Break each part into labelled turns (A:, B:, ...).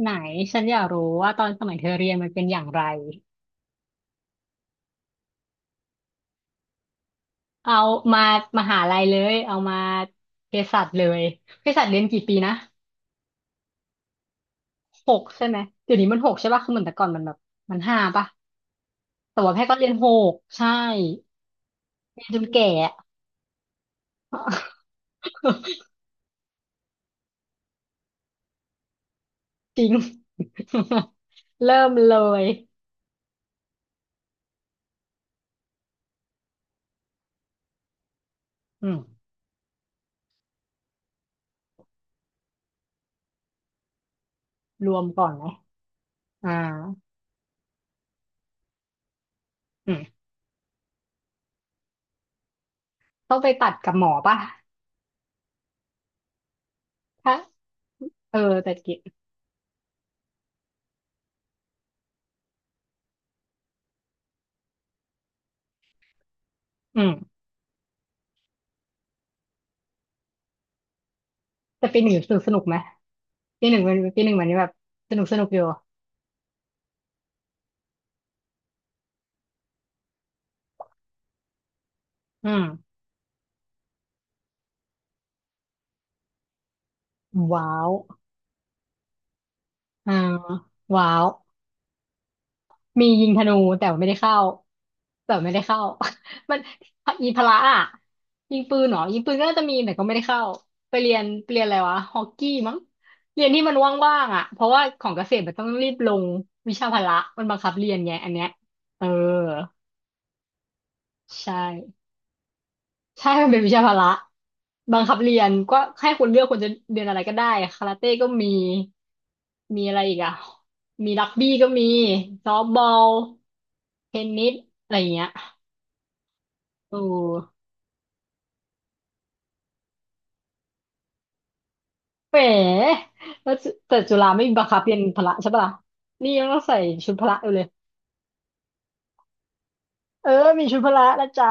A: ไหนฉันอยากรู้ว่าตอนสมัยเธอเรียนมันเป็นอย่างไรเอามามหาลัยเลยเอามาเภสัชเลยเภสัชเรียนกี่ปีนะหกใช่ไหมเดี๋ยวนี้มันหกใช่ป่ะคือเหมือนแต่ก่อนมันแบบมันห้าป่ะแต่ว่าแพทย์ก็เรียนหกใช่เรียนจนแก่อะ จริง เริ่มเลยอืมรวมก่อนไหมอ่าอืมต้องไปตัดกับหมอป่ะถ้าเออแต่กิอืมแต่ปีหนึ่งสนุกสนุกไหมปีหนึ่งมันปีหนึ่งมันแบบสนุกสนุกอยู่อืม ว้าวอ่าว้าว มียิงธนูแต่ไม่ได้เข้าแต่ไม่ได้เข้า มันอีพละอ่ะยิงปืนเหรอยิงปืนก็น่าจะมีแต่ก็ไม่ได้เข้า ไปเรียนไปเรียนอะไรวะฮอกกี้มั้งเรียนที่มันว่างๆอ่ะเพราะว่าของเกษตรมันต้องรีบลงวิชาพละมันบังคับเรียนไงอันเนี้ยเออใช่ ใช่มันเป็นวิชาพละบังคับเรียนก็ให้คุณเลือกคุณจะเรียนอะไรก็ได้คาราเต้ก็มีมีอะไรอีกอ่ะมีรักบี้ก็มีซอฟต์บอลเทนนิสอะไรอย่างเงี้ยโอ้เป๋แล้วจุแต่จุฬาไม่บังคับเรียนพละใช่ปะล่ะนี่ยังต้องใส่ชุดพละอยู่เลยเออมีชุดพละนะจ๊ะ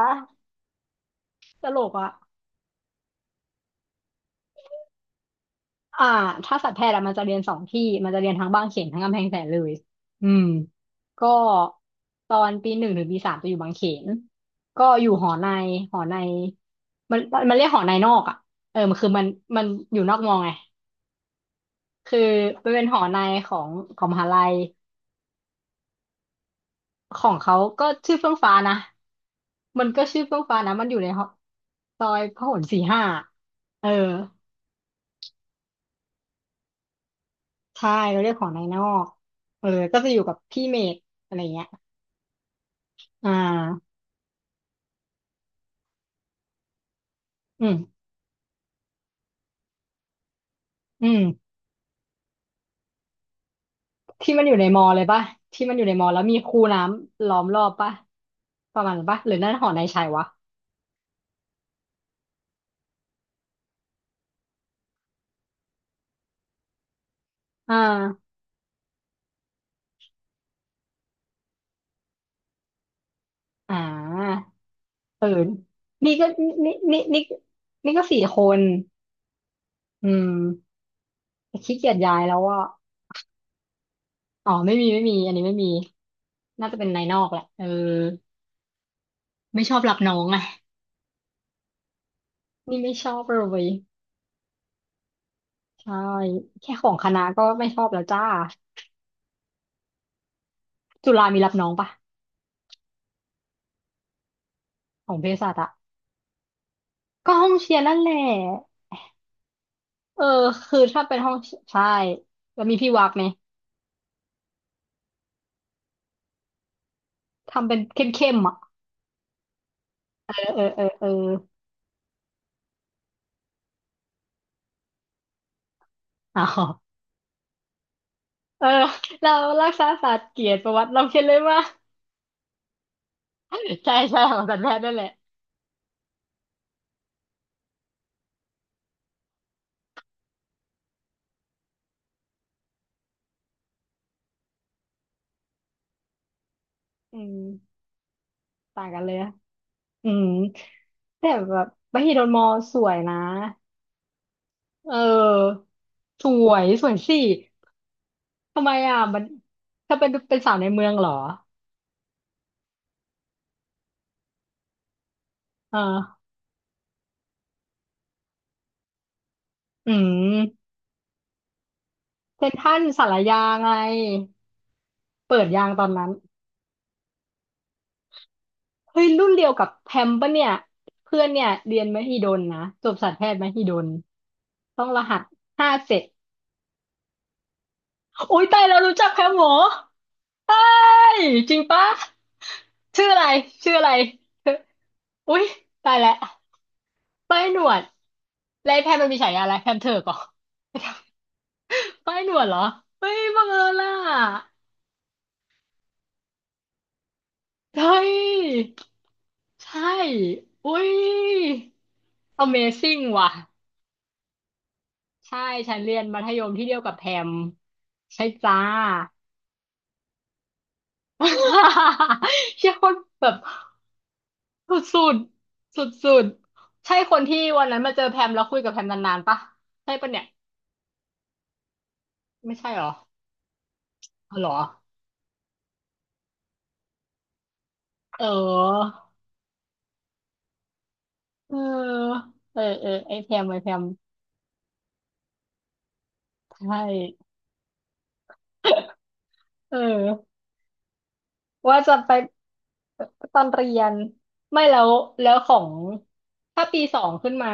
A: ตลกอ่ะ อ่าถ้าสัตวแพทย์อะมันจะเรียนสองที่มันจะเรียนทั้งบางเขนทั้งกำแพงแสนเลยอืมก็ตอนปีหนึ่งถึงปีสามจะอยู่บางเขนก็อยู่หอในหอในมันมันเรียกหอในนอกอ่ะเออมันคือมันมันอยู่นอกมอไงคือมันเป็นหอในของของมหาลัยของเขาก็ชื่อเฟื่องฟ้านะมันก็ชื่อเฟื่องฟ้านะมันอยู่ในหอซอยพหล45เออใช่เราเรียกหอในนอกเออก็จะอยู่กับพี่เมธอะไรเงี้ย อ่าอืมอืมที่มันอยู่ในมอเลยป่ะที่มันอยู่ในมอแล้วมีคูน้ำล้อมรอบป่ะประมาณนั้นป่ะหรือนั่นหอในายชายวะอ่าอ่าเออนี่ก็นี่นี่นี่นี่ก็สี่คนอืมแต่ขี้เกียจย้ายแล้วอ่ะอ๋อไม่มีไม่มีอันนี้ไม่มีน่าจะเป็นนายนอกแหละเออไม่ชอบรับน้องไงนี่ไม่ชอบเลยใช่แค่ของคณะก็ไม่ชอบแล้วจ้าจุฬามีรับน้องปะของเภสัชอะก็ห้องเชียร์นั่นแหละ เออคือถ้าเป็นห้องใช่แล้วมีพี่วักไหมทำเป็นเข้มๆอ่ะเออเออเออเอออ้าวเออเรารักษาศาสตร์เกียรติประวัติเราเขียนเลยว่าใช่ใช่ของสัตวแพทย์นั่นแหละอืมต่างกันเลยอะอืมแต่แบบมหิดลมอสวยนะเออสวยสวยสิทำไมอ่ะมันถ้าเป็นเป็นสาวในเมืองเหรอเอ่าอืมเซ็นทรัลศาลายาไงเปิดยางตอนนั้น เฮ้ยรุ่นเดียวกับแพมปะเนี่ยเพื่อนเนี่ยเรียนมหิดลนะจบสัตวแพทย์มหิดลต้องรหัส57โอ้ยตายแล้วรู้จักแพมเหมอเฮ้ยจริงปะชื่ออะไรชื่ออะไรเธออุ้ยตายแล้วป้ายหนวดแล้วไอ้แพมมันมีฉายาอะไรแพมเถอกเหรอ ป้ายหนวดเหรอเฮ้ยบังเอิญล่ะเฮ้ยใช่อุ้ย Amazing ว่ะ ใช่ฉันเรียนมัธยมที่เดียวกับแพมใช่จ้า เชี่ยคนแบบสุดๆสุดๆใช่คนที่วันนั้นมาเจอแพมแล้วคุยกับแพมนานๆปะใช่ปะเนี่ยไม่ใช่หรออ๋อเหรอเออเออเออเออไอแพมไอแพมใช่เออ ว่าจะไปตอนเรียนไม่แล้วแล้วของถ้าปีสองขึ้นมา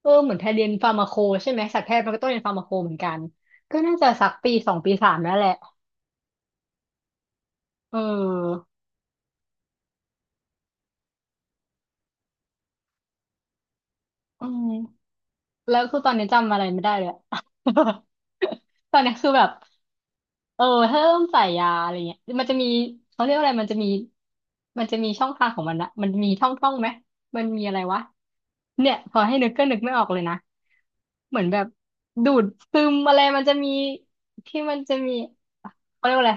A: เออเหมือนแทนเรียนฟาร์มาโคใช่ไหมสัตวแพทย์มันก็ต้องเรียนฟาร์มาโคเหมือนกันก็น่าจะสักปีสองปีสามนั่นแหละเอออืมแล้วคือตอนนี้จำอะไรไม่ได้เลยอะ ตอนนี้คือแบบเออถ้าต้องใส่ยาอะไรเงี้ยมันจะมีเขาเรียกว่าอะไรมันจะมีมันจะมีช่องทางของมันนะมันมีท่องท่องไหมมันมีอะไรวะเนี่ยพอให้นึกก็นึกไม่ออกเลยนะ เหมือนแบบดูดซึมอะไรมันจะมีที่มันจะมีเขาเรียกว่าอะไร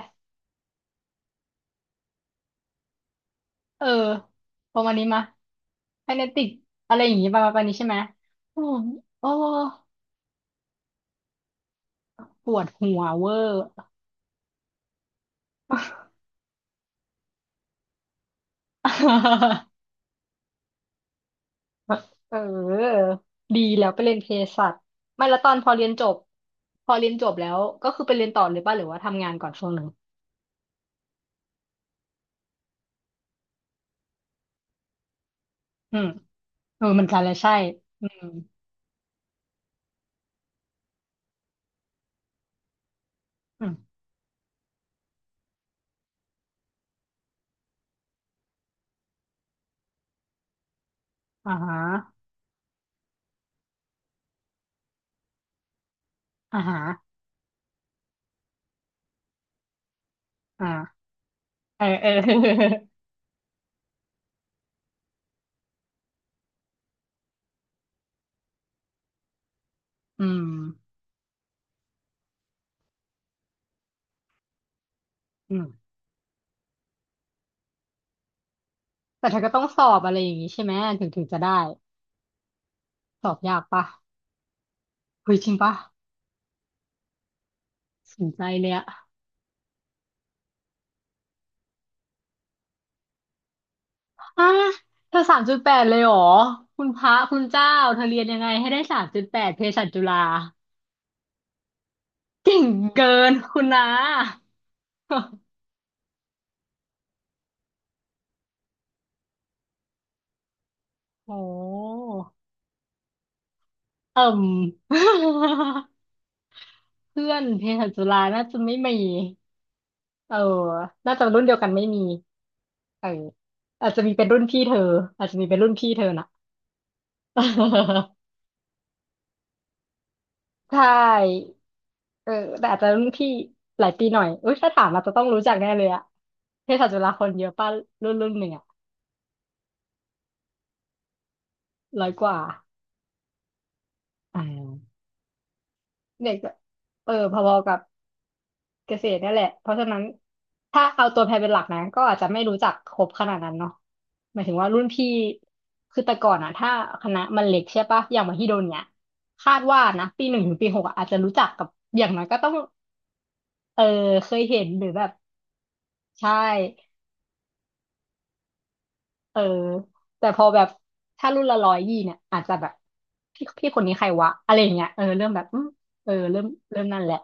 A: เออประมาณนี้มาไคเนติกอะไรอย่างงี้ประมาณนี้ใช่ไหมโอ้โอ้ปวดหัวเวอร์ เออดีแล้วไปเรียนเภสัชไม่แล้วตอนพอเรียนจบพอเรียนจบแล้วก็คือไปเรียนต่อเลยป่ะหรือว่าทำงานก่อนช่วงหนึ่งอืมเออเหมันกันแลยใช่อืมอืมอ่าฮะอ่าฮะอ่าเออเออ อืมอืม แต่เธอก็ต้องสอบอะไรอย่างงี้ใช่ไหม ถึงถึงจะได้ สอบยากปะเฮ้ยจริงปะสนใจเลยอะอ่ะเธอ3.8เลยเหรอ คุณพระคุณเจ้าเธอเรียนยังไงให้ได้สามจุดแปดเภสัชจุฬาเก่งเกินคุณนะ โอ้เอิ่ม เพื่อนเภสัชจุฬาน่าจะไม่มีเออน่าจะรุ่นเดียวกันไม่มีเอออาจจะมีเป็นรุ่นพี่เธออาจจะมีเป็นรุ่นพี่เธอน่ะ ใช่เออแต่อาจจะรุ่นพี่หลายปีหน่อยอุ้ยถ้าถามอาจจะต้องรู้จักแน่เลยอะเภสัชจุฬาคนเยอะป่ะรุ่นหนึ่งอะ100 กว่าอ่าเด็กเออพอๆกับเกษตรนั่นแหละ เพราะฉะนั้น ถ้าเอาตัวแพรเป็นหลักนะก็อาจจะไม่รู้จักครบขนาดนั้นเนาะหมายถึงว่ารุ่นพี่คือแต่ก่อนอะถ้าคณะมันเล็กใช่ปะอย่างมหิดลเนี่ยคาดว่านะปี 1 ถึงปี 6อะอาจจะรู้จักกับอย่างน้อยก็ต้องเออเคยเห็นหรือแบบใช่ เออแต่พอแบบถ้ารุ่นละ120เนี่ยอาจจะแบบพี่คนนี้ใครวะอะไรอย่างเงี้ยเออเริ่มแบบอืมเออเริ่มนั่นแหละ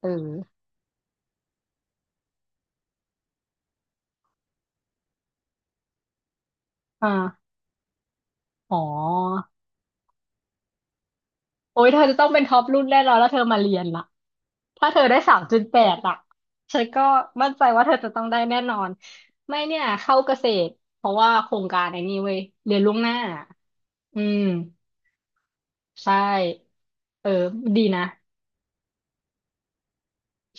A: เอออ่าอ๋อโอ้ยเธอจะต้องเป็นท็อปรุ่นแน่นอนแล้วเธอมาเรียนล่ะถ้าเธอได้สามจุดแปดอ่ะฉันก็มั่นใจว่าเธอจะต้องได้แน่นอนไม่เนี่ยเข้าเกษตรเพราะว่าโครงการไอ้นี่เว้ยเรียนล่วงหน้าอืมใช่เออดีนะ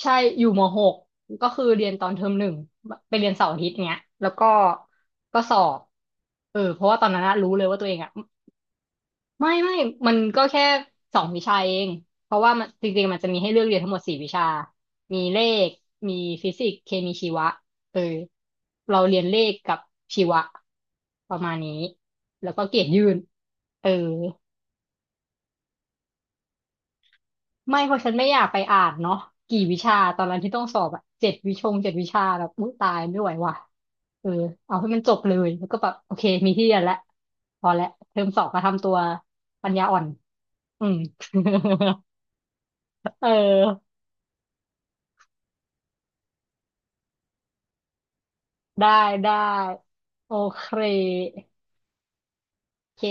A: ใช่อยู่มหกก็คือเรียนตอนเทอม 1ไปเรียนเสาร์อาทิตย์เนี้ย แล้วก็สอบเออเพราะว่าตอนนั้นอะรู้เลยว่าตัวเองอะไม่ไม่มันก็แค่2 วิชาเอง เพราะว่ามันจริงๆมันจะมีให้เลือกเรียนทั้งหมด4 วิชา มีเลข มีฟิสิกส์เคมีชีวะ เออเราเรียนเลขกับชีวะประมาณนี้ แล้วก็เกรดยื่นเออ ไม่เพราะฉันไม่อยากไปอ่านเนาะกี่วิชาตอนนั้นที่ต้องสอบอะเจ็ดวิชาแบบอุยตายไม่ไหวว่ะเออเอาให้มันจบเลยแล้วก็แบบโอเคมีที่เรียนแล้วพอแล้วเทอม 2มาทำตัวปัญญาอ่อนอืม เออได้ได้โอเคโอเค